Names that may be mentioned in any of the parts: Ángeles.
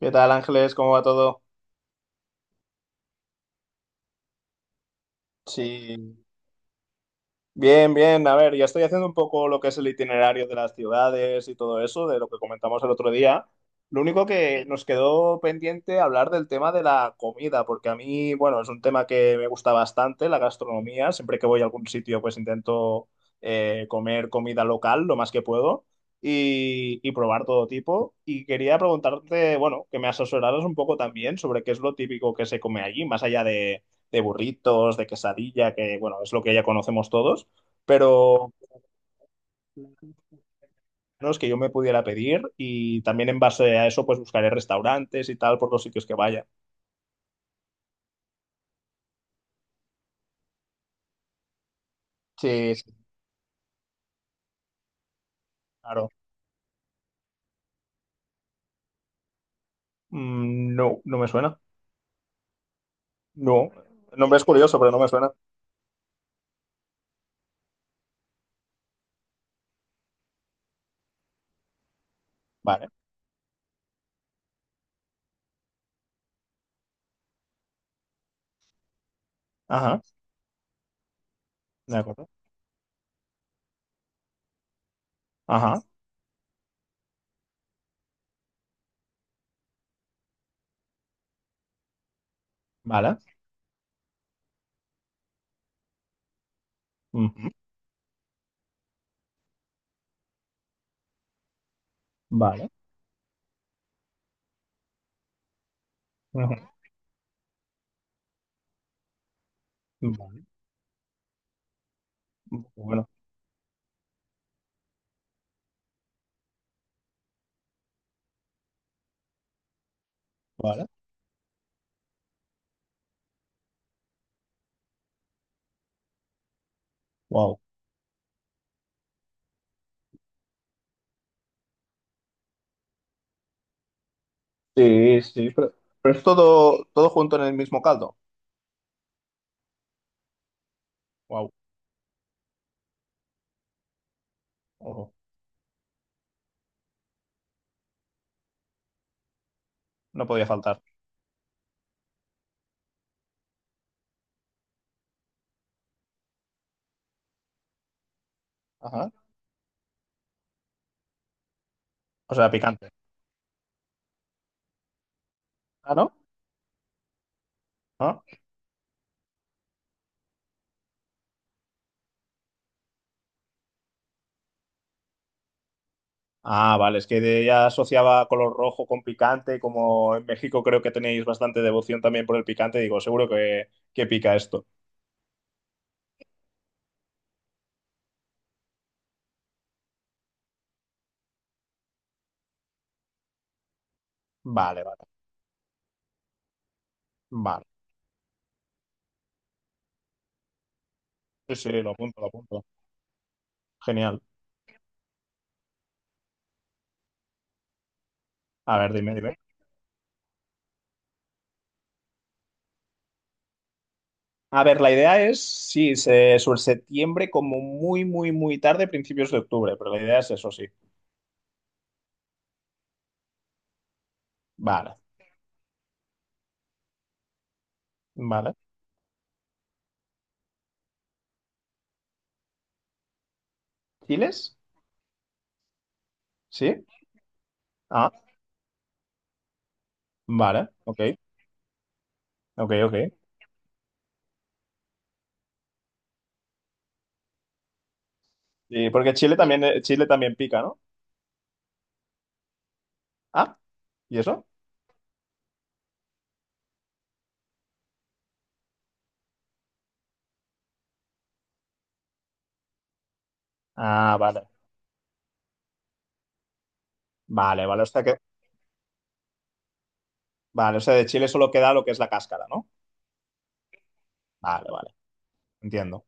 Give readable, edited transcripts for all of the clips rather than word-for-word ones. ¿Qué tal, Ángeles? ¿Cómo va todo? Sí, bien, bien. A ver, ya estoy haciendo un poco lo que es el itinerario de las ciudades y todo eso, de lo que comentamos el otro día. Lo único que nos quedó pendiente hablar del tema de la comida, porque a mí, bueno, es un tema que me gusta bastante, la gastronomía. Siempre que voy a algún sitio, pues intento comer comida local lo más que puedo y probar todo tipo. Y quería preguntarte, bueno, que me asesoraras un poco también sobre qué es lo típico que se come allí, más allá de burritos, de quesadilla, que bueno, es lo que ya conocemos todos, pero menos que yo me pudiera pedir y también en base a eso pues buscaré restaurantes y tal por los sitios que vaya. Sí, sí. Claro. Mm, no, no me suena. No. El nombre es curioso, pero no me suena. Vale. Ajá. De acuerdo. Ajá. Vale. Ujú. Vale. Ujú. Vale. Bueno, vale. Wow. Sí, sí, pero es todo, todo junto en el mismo caldo. Wow. Ojo. No podía faltar. Ajá. O sea, ¿picante? Ah, ¿no? Ah. Ah, vale, es que de- ya asociaba color rojo con picante, como en México creo que tenéis bastante devoción también por el picante, digo, seguro que pica esto. Vale, vale, vale. Sí, sí, lo apunto, lo apunto. Genial. A ver, dime, dime. A ver, la idea es, sí, se- sobre septiembre como muy, muy, muy tarde, principios de octubre, pero la idea es eso, sí. Vale, vale. ¿Chiles? Sí. Ah, vale, ok, ok, ok. Sí, porque Chile también pica, ¿no? Ah, ¿y eso? Ah, vale. Vale, vale. O sea que, vale, o sea, de Chile solo queda lo que es la cáscara, ¿no? Vale, vale. Entiendo.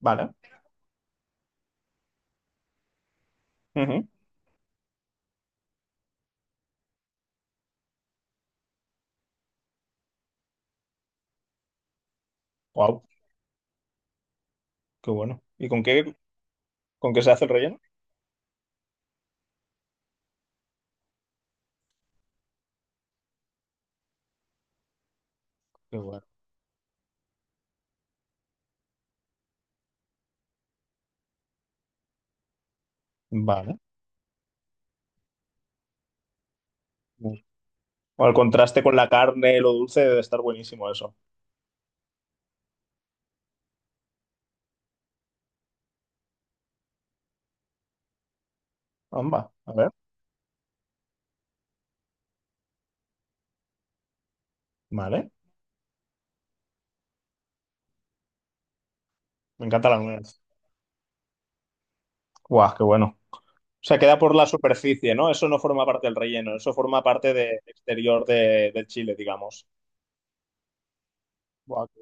Vale. Wow, qué bueno. ¿Y con qué se hace el relleno? Qué bueno. Vale. O el contraste con la carne, lo dulce, debe estar buenísimo eso. Amba, a ver. Vale. Me encanta la nuez. Guau, qué bueno. O sea, queda por la superficie, ¿no? Eso no forma parte del relleno, eso forma parte del exterior de- del chile, digamos. Buah, qué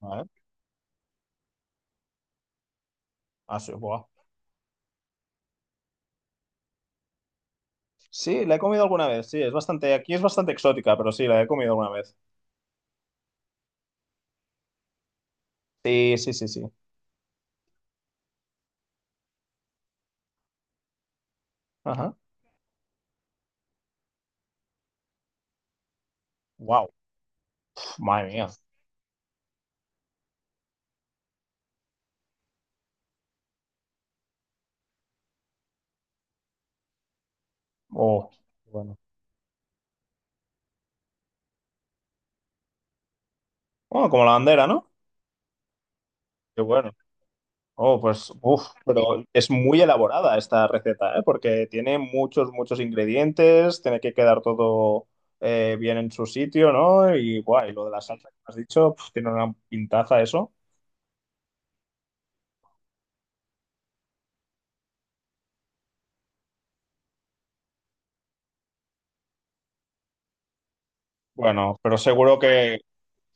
bueno, ¿eh? Ah, sí, buah. Sí, la he comido alguna vez, sí, es bastante, aquí es bastante exótica, pero sí, la he comido alguna vez. Sí, sí, sí, sí. Ajá. Wow, madre mía. Oh, qué bueno. Bueno, como la bandera, ¿no? Qué bueno. Oh, pues, uff, pero es muy elaborada esta receta, ¿eh? Porque tiene muchos, muchos ingredientes, tiene que quedar todo bien en su sitio, ¿no? Y, guay, lo de la salsa que has dicho, pf, tiene una pintaza eso. Bueno, pero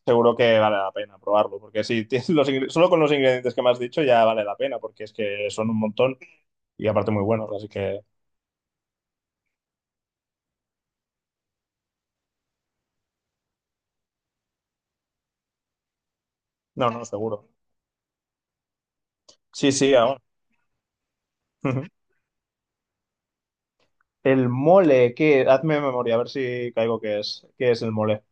seguro que vale la pena probarlo, porque si tienes los ingre- solo con los ingredientes que me has dicho ya vale la pena, porque es que son un montón y aparte muy buenos, así que, no, no, seguro. Sí, sí, aún. Ujú. El mole, ¿qué? Hazme memoria, a ver si caigo qué es. ¿Qué es el mole?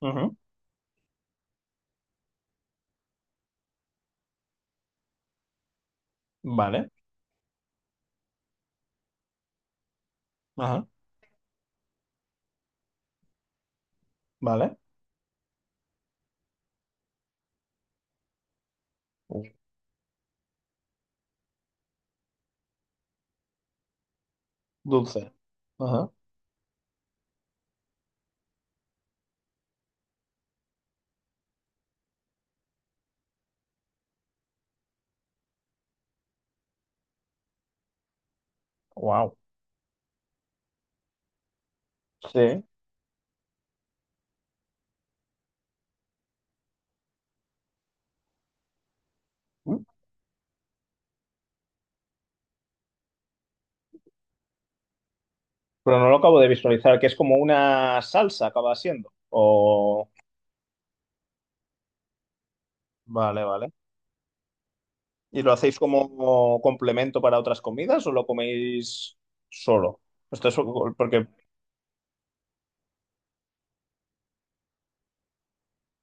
Ujú. Vale. Ajá. Vale. Dulce. Ajá. Wow. Sí. Mm. Pero no lo acabo de visualizar, que es como una salsa, acaba siendo. O. Vale, vale. ¿Y lo hacéis como complemento para otras comidas o lo coméis solo? Esto es porque.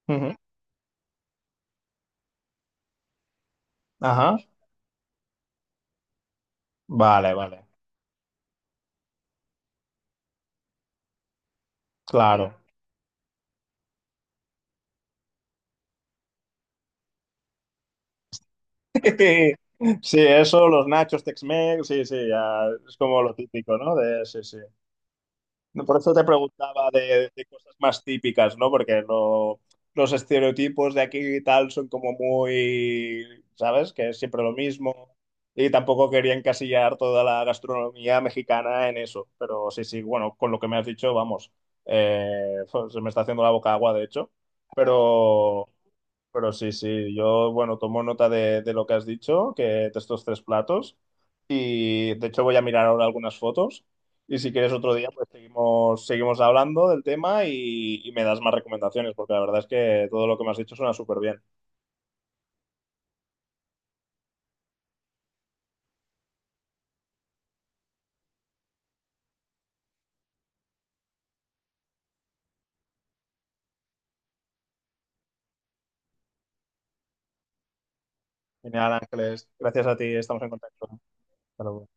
Ujú. Ajá. Vale, vale. Claro. Sí, eso, los nachos Tex-Mex, sí, sí, ya es como lo típico, ¿no? De, sí, sí. No, por eso te preguntaba de cosas más típicas, ¿no? Porque lo- los estereotipos de aquí y tal son como muy, ¿sabes? Que es siempre lo mismo. Y tampoco quería encasillar toda la gastronomía mexicana en eso. Pero sí, sí, bueno, con lo que me has dicho, vamos. eh, Se me está haciendo la boca agua, de hecho. Pero. Pero sí, sí, yo, bueno, tomo nota de lo que has dicho, que de estos 3 platos. Y de hecho voy a mirar ahora algunas fotos. Y si quieres otro día, pues seguimos, seguimos hablando del tema y me das más recomendaciones, porque la verdad es que todo lo que me has dicho suena súper bien. Genial, Ángeles. Gracias a ti, estamos en contacto. Hasta luego.